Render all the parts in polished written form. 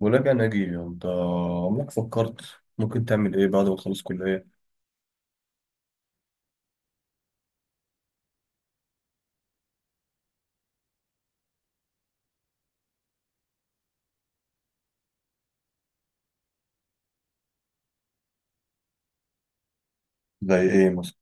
وراجع ناجي انت. عمرك فكرت ممكن تعمل ايه بعد ما تخلص كلية؟ زي ايه مثلا؟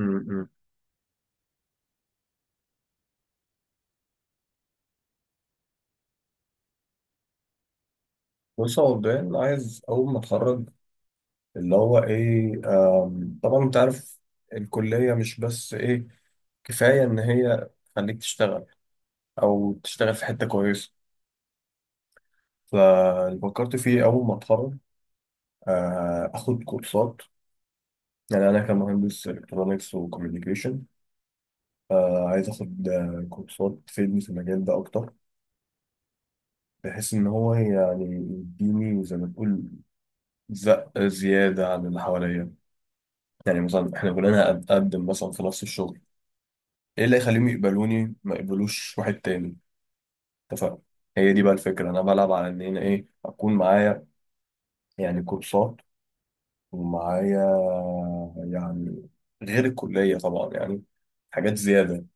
امم. بص، هو مبدئيا عايز اول ما اتخرج، اللي هو ايه، طبعا انت عارف الكلية مش بس ايه كفاية ان هي تخليك تشتغل او تشتغل في حتة كويسة. فاللي فكرت فيه اول ما اتخرج اخد كورسات. يعني انا كمهندس الكترونكس وكوميونيكيشن عايز اخد كورسات تفيدني في المجال ده اكتر، بحيث إن هو يعني يديني زي ما تقول زق زيادة عن اللي حواليا. يعني مثلا إحنا كلنا هنقدم مثلا في نفس الشغل، إيه اللي يخليهم يقبلوني ما يقبلوش واحد تاني؟ اتفقنا. هي دي بقى الفكرة، أنا بلعب على إن أنا إيه أكون معايا يعني كورسات، ومعايا يعني غير الكلية طبعا يعني حاجات زيادة.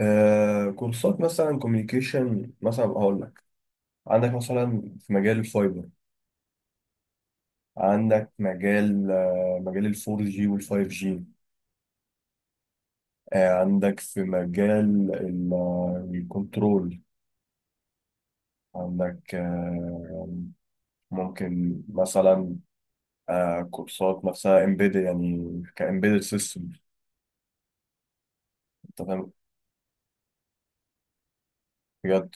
آه كورسات مثلا كوميونيكيشن، مثلا هقول لك. عندك مثلا في مجال الفايبر، عندك مجال مجال الفور جي والفايف جي، عندك في مجال الكنترول، عندك ممكن مثلا كورسات نفسها امبيد يعني كامبيدد سيستم. انت فاهم؟ بجد؟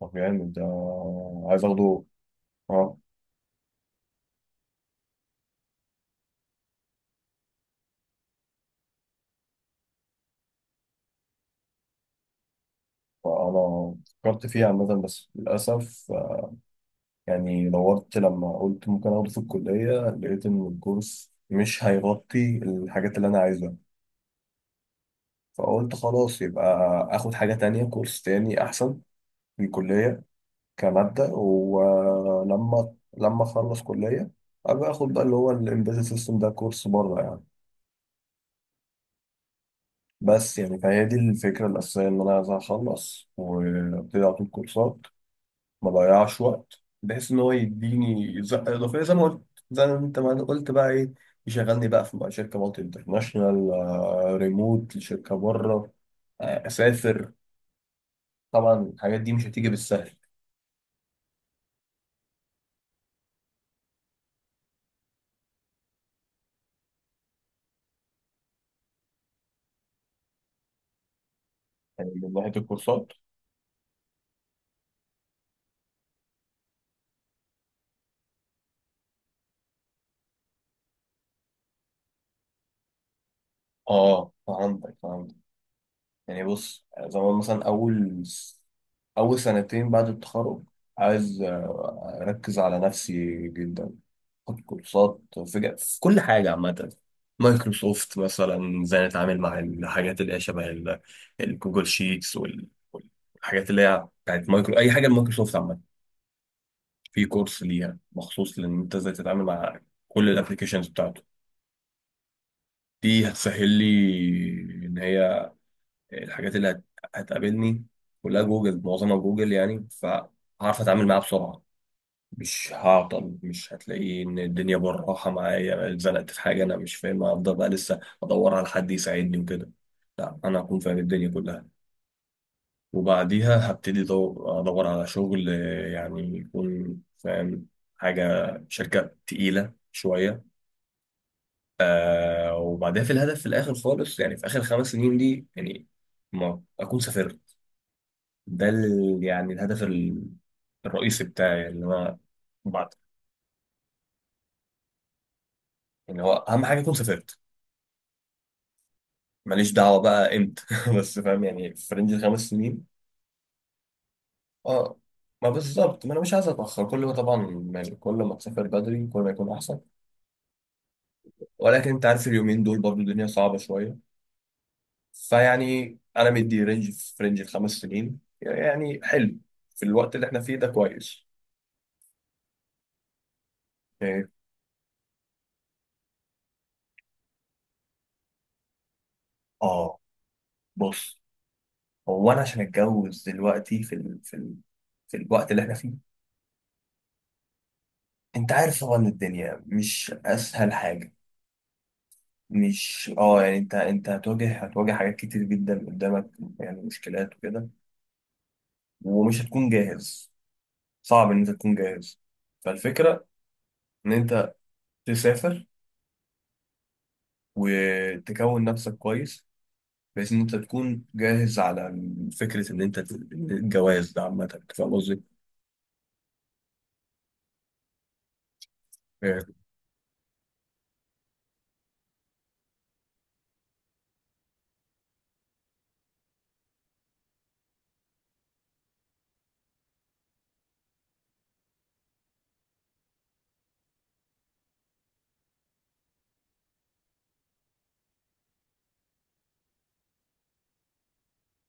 طب يعني ده عايز اخده. اه. فانا فكرت فيه عامة بس للأسف، يعني دورت لما قلت ممكن اخده في الكلية لقيت ان الكورس مش هيغطي الحاجات اللي انا عايزها. فقلت خلاص يبقى اخد حاجة تانية كورس تاني احسن في الكلية كمادة، ولما اخلص كلية ابقى اخد بقى اللي هو الامبيدد سيستم ده كورس بره يعني. بس يعني فهي دي الفكرة الأساسية إن أنا عايز أخلص وأبتدي على طول كورسات ما أضيعش وقت، بحيث إن هو يديني زقة إضافية زي ما قلت، زي ما أنت ما قلت بقى إيه، يشغلني بقى في بقى شركة مالتي انترناشونال، ريموت لشركة بره، أسافر. طبعا الحاجات دي مش هتيجي بالسهل. يعني من ناحية الكورسات. اه فهمتك فهمتك. يعني بص، زمان مثلا أول سنتين بعد التخرج عايز أركز على نفسي جدا، أخد كورسات في في كل حاجة عامة. مايكروسوفت مثلا ازاي نتعامل مع الحاجات اللي هي شبه الجوجل شيتس والحاجات اللي هي بتاعت مايكرو، أي حاجة مايكروسوفت عامة، في كورس ليها مخصوص لأن أنت ازاي تتعامل مع كل الابلكيشنز بتاعته. دي هتسهل لي إن هي الحاجات اللي هتقابلني كلها جوجل معظمها جوجل، يعني فهعرف اتعامل معاها بسرعه، مش هعطل، مش هتلاقي ان الدنيا بالراحه معايا اتزنقت في حاجه انا مش فاهمها افضل بقى لسه ادور على حد يساعدني وكده. لا، انا هكون فاهم الدنيا كلها. وبعديها هبتدي ادور على شغل، يعني يكون فاهم حاجه، شركه تقيله شويه. وبعدها في الهدف في الاخر خالص، يعني في اخر 5 سنين دي، يعني ما اكون سافرت. ده ال... يعني الهدف الرئيسي بتاعي اللي هو بعد، يعني هو اهم حاجه اكون سافرت. ماليش دعوه بقى امتى بس فاهم، يعني في رينج الخمس سنين. اه، ما بالظبط، ما انا مش عايز اتاخر. كل ما طبعا كل ما تسافر بدري كل ما يكون احسن. ولكن انت عارف اليومين دول برضو الدنيا صعبه شويه. فيعني انا مدي رينج، في رينج الخمس سنين يعني حلو، في الوقت اللي احنا فيه ده كويس. إيه. اه بص، هو انا عشان اتجوز دلوقتي في ال... في ال... في الوقت اللي احنا فيه، انت عارف طبعا الدنيا مش اسهل حاجه. مش اه يعني انت هتواجه هتواجه حاجات كتير جدا قدامك، يعني مشكلات وكده، ومش هتكون جاهز، صعب ان انت تكون جاهز. فالفكره ان انت تسافر وتكون نفسك كويس، بحيث ان انت تكون جاهز على فكره ان انت الجواز ده عامه. فاهم قصدي؟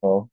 اه،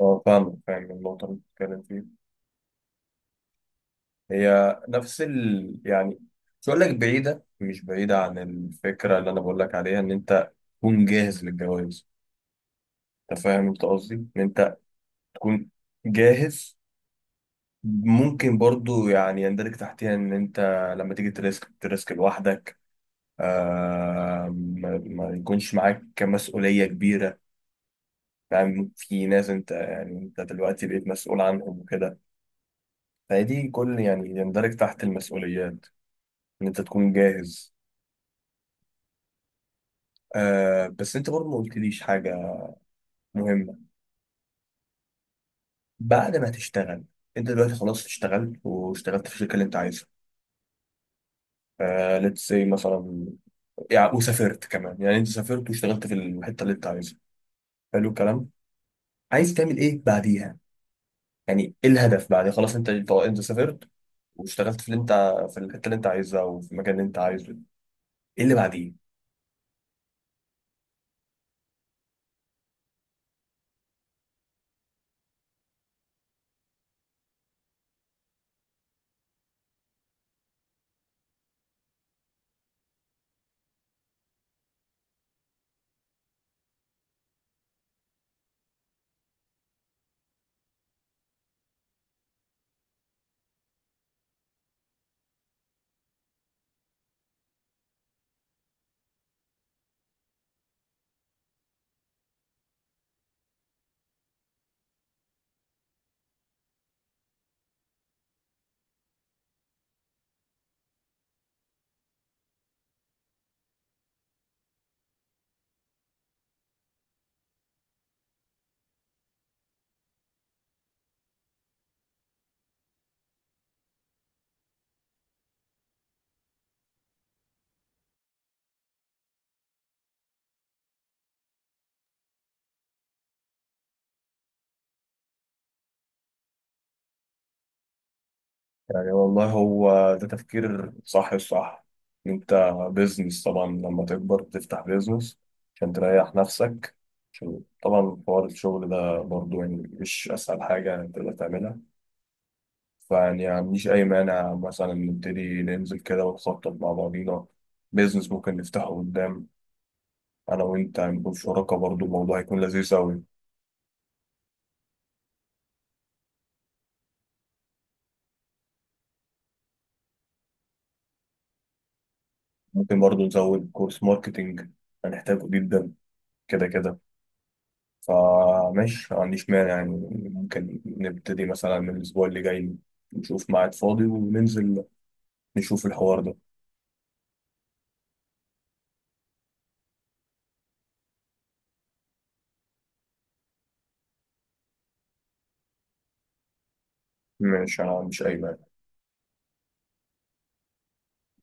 اه فاهم، فاهم النقطه اللي بتتكلم فيها، هي نفس ال يعني، مش هقول لك بعيدة، مش بعيدة عن الفكرة اللي أنا بقول لك عليها إن أنت تكون جاهز للجواز. أنت فاهم أنت قصدي؟ إن أنت تكون جاهز، ممكن برضو يعني يندرج تحتها إن أنت لما تيجي تريسك تريسك لوحدك، آه ما يكونش معاك مسؤولية كبيرة. يعني في ناس أنت يعني أنت دلوقتي بقيت مسؤول عنهم وكده، فدي كل يعني يندرج تحت المسؤوليات إن أنت تكون جاهز. آه بس انت برضه ما قلتليش حاجة مهمة. بعد ما تشتغل انت دلوقتي خلاص اشتغلت واشتغلت في الشركة اللي انت عايزها، آه ليتس سي مثلا، يعني وسافرت كمان، يعني انت سافرت واشتغلت في الحتة اللي انت عايزها. حلو الكلام. عايز تعمل ايه بعديها؟ يعني ايه الهدف بعد خلاص انت انت سافرت واشتغلت في اللي انت في الحتة اللي انت عايزها وفي المكان اللي انت عايزه؟ ايه اللي بعديه؟ يعني والله هو ده تفكير صح الصح. انت بيزنس طبعا لما تكبر تفتح بيزنس عشان تريح نفسك، عشان طبعا حوار الشغل ده برضو يعني مش اسهل حاجة تقدر تعملها. فيعني ما عنديش اي مانع، مثلا نبتدي ننزل كده ونخطط مع بعضينا بيزنس ممكن نفتحه قدام، انا وانت هنكون شركاء برضو، الموضوع هيكون لذيذ اوي. ممكن برضو نزود كورس ماركتينج هنحتاجه جدا كده كده. فماشي ما عنديش مانع يعني. ممكن نبتدي مثلا من الأسبوع اللي جاي نشوف ميعاد فاضي وننزل نشوف الحوار ده. ماشي، أنا مش أي مانع.